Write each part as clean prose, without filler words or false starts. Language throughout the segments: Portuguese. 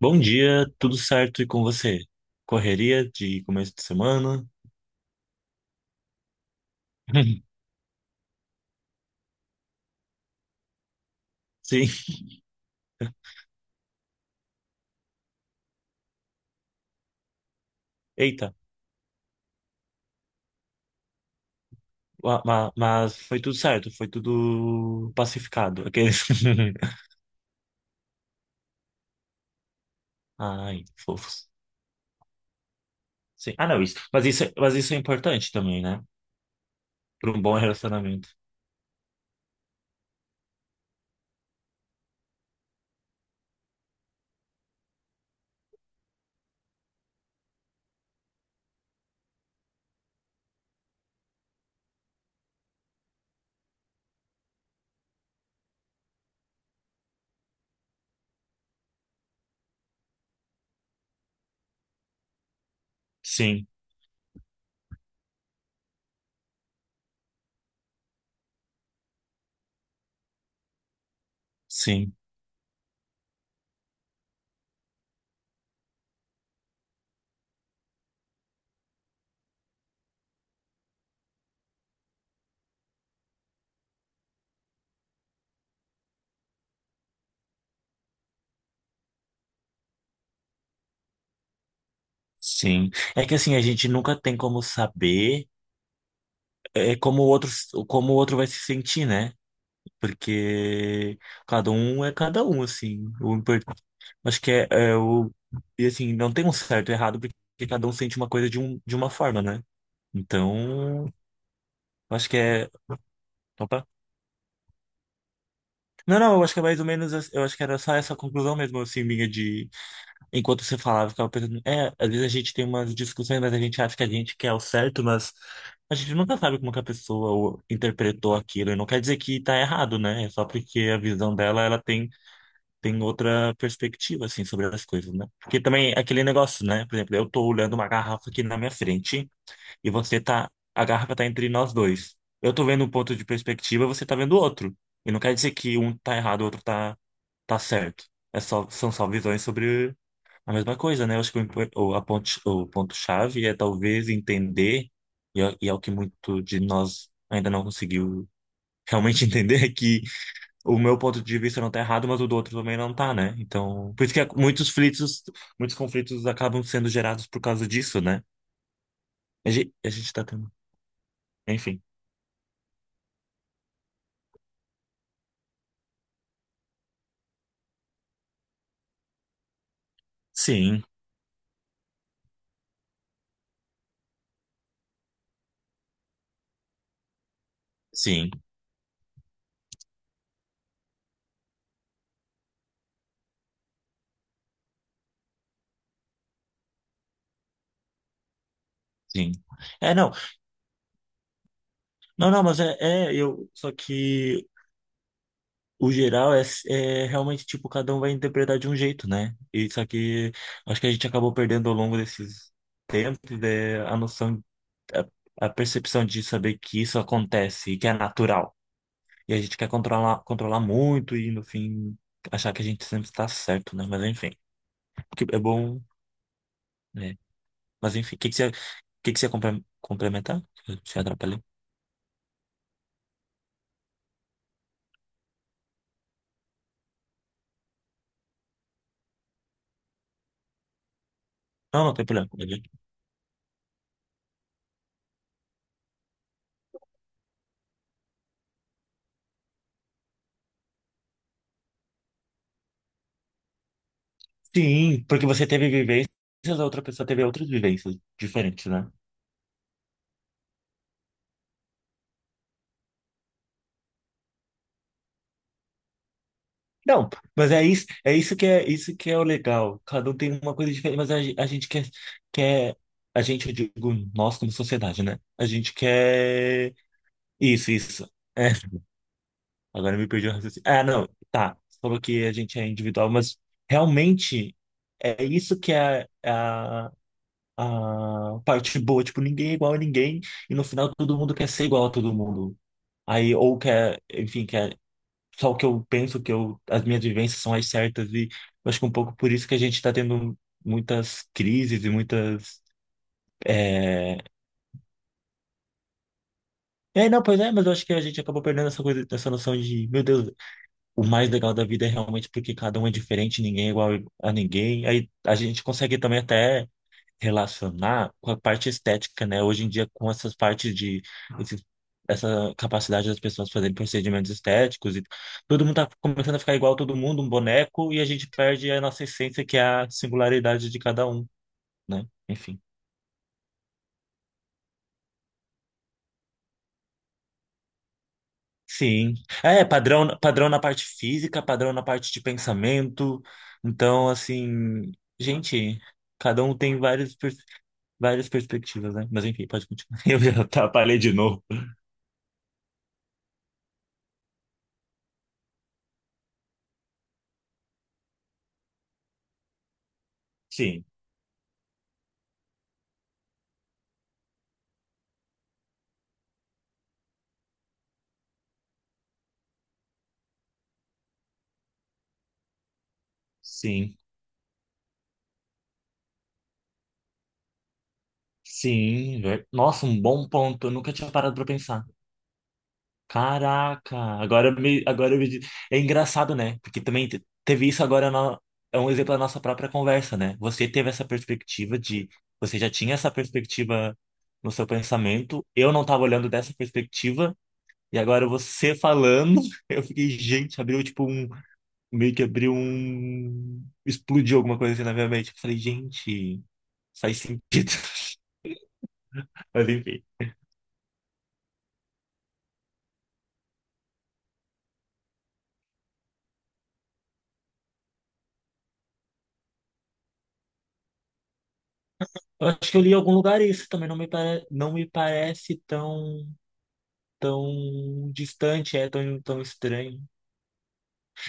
Bom dia, tudo certo e com você? Correria de começo de semana? Sim, eita, mas foi tudo certo, foi tudo pacificado. Aqueles. Ai, fofos. Sim. Ah, não, isso. Mas isso é importante também, né? Para um bom relacionamento. Sim, sim, sim. É que assim, a gente nunca tem como saber como o outro vai se sentir, né? Porque cada um é cada um, assim. O importante, acho que é, é o e assim, não tem um certo e errado, porque cada um sente uma coisa de uma forma, né? Então, eu acho que é, opa. Não, não, eu acho que é mais ou menos, eu acho que era só essa conclusão mesmo, assim, minha de, enquanto você falava, eu ficava pensando, às vezes a gente tem umas discussões, mas a gente acha que a gente quer o certo, mas a gente nunca sabe como que a pessoa interpretou aquilo, e não quer dizer que tá errado, né? É só porque a visão dela, ela tem outra perspectiva, assim, sobre as coisas, né? Porque também é aquele negócio, né? Por exemplo, eu tô olhando uma garrafa aqui na minha frente e você tá... A garrafa tá entre nós dois. Eu tô vendo um ponto de perspectiva, você tá vendo outro. E não quer dizer que um tá errado, o outro tá, tá certo. É só, são só visões sobre a mesma coisa, né? Eu acho que o, impo- o, a ponte- o ponto-chave é talvez entender, e é o que muito de nós ainda não conseguiu realmente entender, o meu ponto de vista não tá errado, mas o do outro também não tá, né? Então, por isso que muitos conflitos acabam sendo gerados por causa disso, né? A gente tá tendo, enfim. Sim, sim, sim. É, não, não, não, mas é eu, só que o geral é realmente tipo cada um vai interpretar de um jeito, né? E só que acho que a gente acabou perdendo ao longo desses tempos, né, a noção, a percepção de saber que isso acontece e que é natural. E a gente quer controlar, controlar muito e, no fim, achar que a gente sempre está certo, né? Mas, enfim, o que é bom, né? Mas, enfim, o que que você ia complementar? Eu te atrapalhei. Não, não tem problema. Sim, porque você teve vivências, a outra pessoa teve outras vivências diferentes, né? Não, mas é isso que é isso que é o legal. Cada um tem uma coisa diferente, mas a gente quer, a gente, eu digo, nós como sociedade, né? A gente quer isso, isso. É. Agora me perdi o raciocínio. Ah, não, tá. Você falou que a gente é individual, mas realmente é isso que é a parte boa. Tipo, ninguém é igual a ninguém e no final todo mundo quer ser igual a todo mundo. Aí, ou quer, enfim, quer só o que eu penso, que eu, as minhas vivências são as certas e eu acho que um pouco por isso que a gente tá tendo muitas crises e muitas. É... é, não, pois é, mas eu acho que a gente acabou perdendo essa coisa, essa noção de, meu Deus. O mais legal da vida é realmente porque cada um é diferente, ninguém é igual a ninguém. Aí a gente consegue também até relacionar com a parte estética, né? Hoje em dia, com essas partes de esse- essa capacidade das pessoas fazerem procedimentos estéticos e todo mundo tá começando a ficar igual a todo mundo, um boneco, e a gente perde a nossa essência, que é a singularidade de cada um, né? Enfim. Sim. É, padrão, padrão na parte física, padrão na parte de pensamento. Então, assim, gente, cada um tem várias perspectivas, né? Mas enfim, pode continuar. Eu já atrapalhei de novo. Sim, sim, sim. Nossa, um bom ponto. Eu nunca tinha parado pra pensar. Caraca, agora eu me. É engraçado, né? Porque também teve isso agora na- é um exemplo da nossa própria conversa, né? Você teve essa perspectiva de você já tinha essa perspectiva no seu pensamento, eu não estava olhando dessa perspectiva e agora você falando, eu fiquei, gente, abriu tipo um meio que abriu um explodiu alguma coisa assim na minha mente. Eu falei, gente, faz sentido. Mas enfim. Eu acho que eu li em algum lugar isso também não me parece tão tão distante, é tão, tão estranho.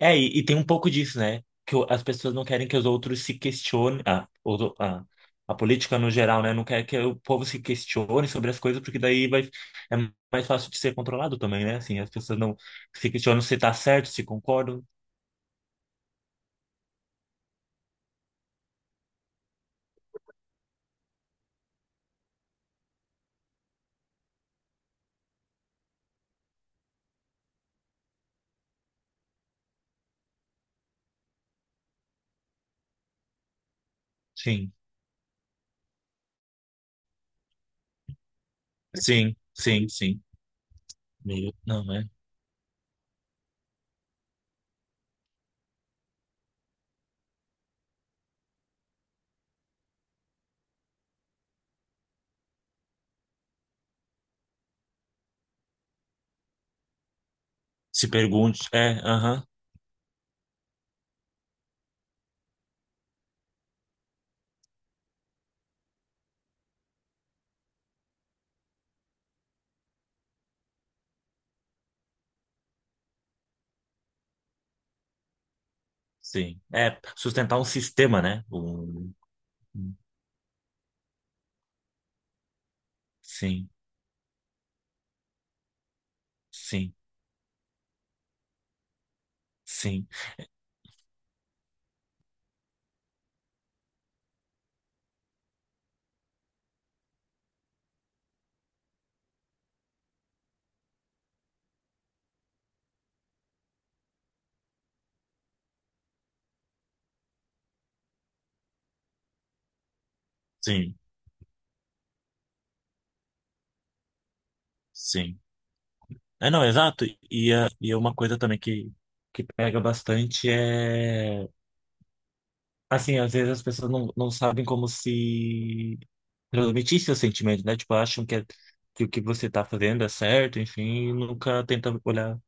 É, e tem um pouco disso, né? Que o- as pessoas não querem que os outros se questionem. Ah, a política no geral, né? Não quer que o povo se questione sobre as coisas, porque daí vai, é mais fácil de ser controlado também, né? Assim, as pessoas não, se questionam se tá certo, se concordam. Sim, sim, sim, sim. Meio, não, né? Se pergunte. É, aham, sim. É, sustentar um sistema, né? Um, sim, sim, sim, sim, sim. É, não, exato. E é uma coisa também que pega bastante é. Assim, às vezes as pessoas não sabem como se transmitir seus sentimentos, né? Tipo, acham que, que o que você tá fazendo é certo, enfim, e nunca tenta olhar,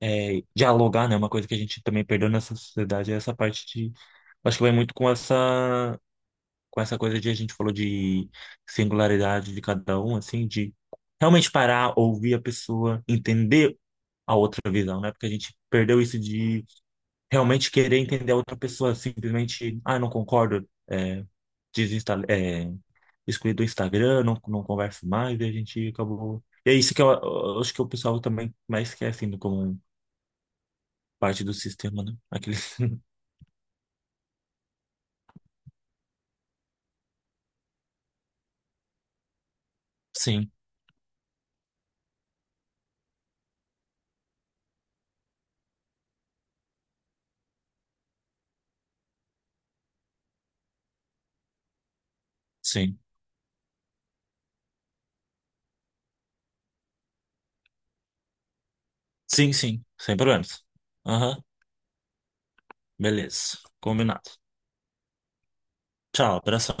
dialogar, né? Uma coisa que a gente também perdeu nessa sociedade é essa parte de. Acho que vai muito com com essa coisa de a gente falou de singularidade de cada um, assim, de realmente parar, ouvir a pessoa, entender a outra visão, né? Porque a gente perdeu isso de realmente querer entender a outra pessoa, simplesmente, ah, não concordo, é, desinsta, é, excluí do Instagram, não converso mais, e a gente acabou. E é isso que eu acho que o pessoal também mais quer, assim, como parte do sistema, né? Aquele... Sim, sim. Sim, sim, sem problemas. Aham, beleza. Combinado. Tchau, abração.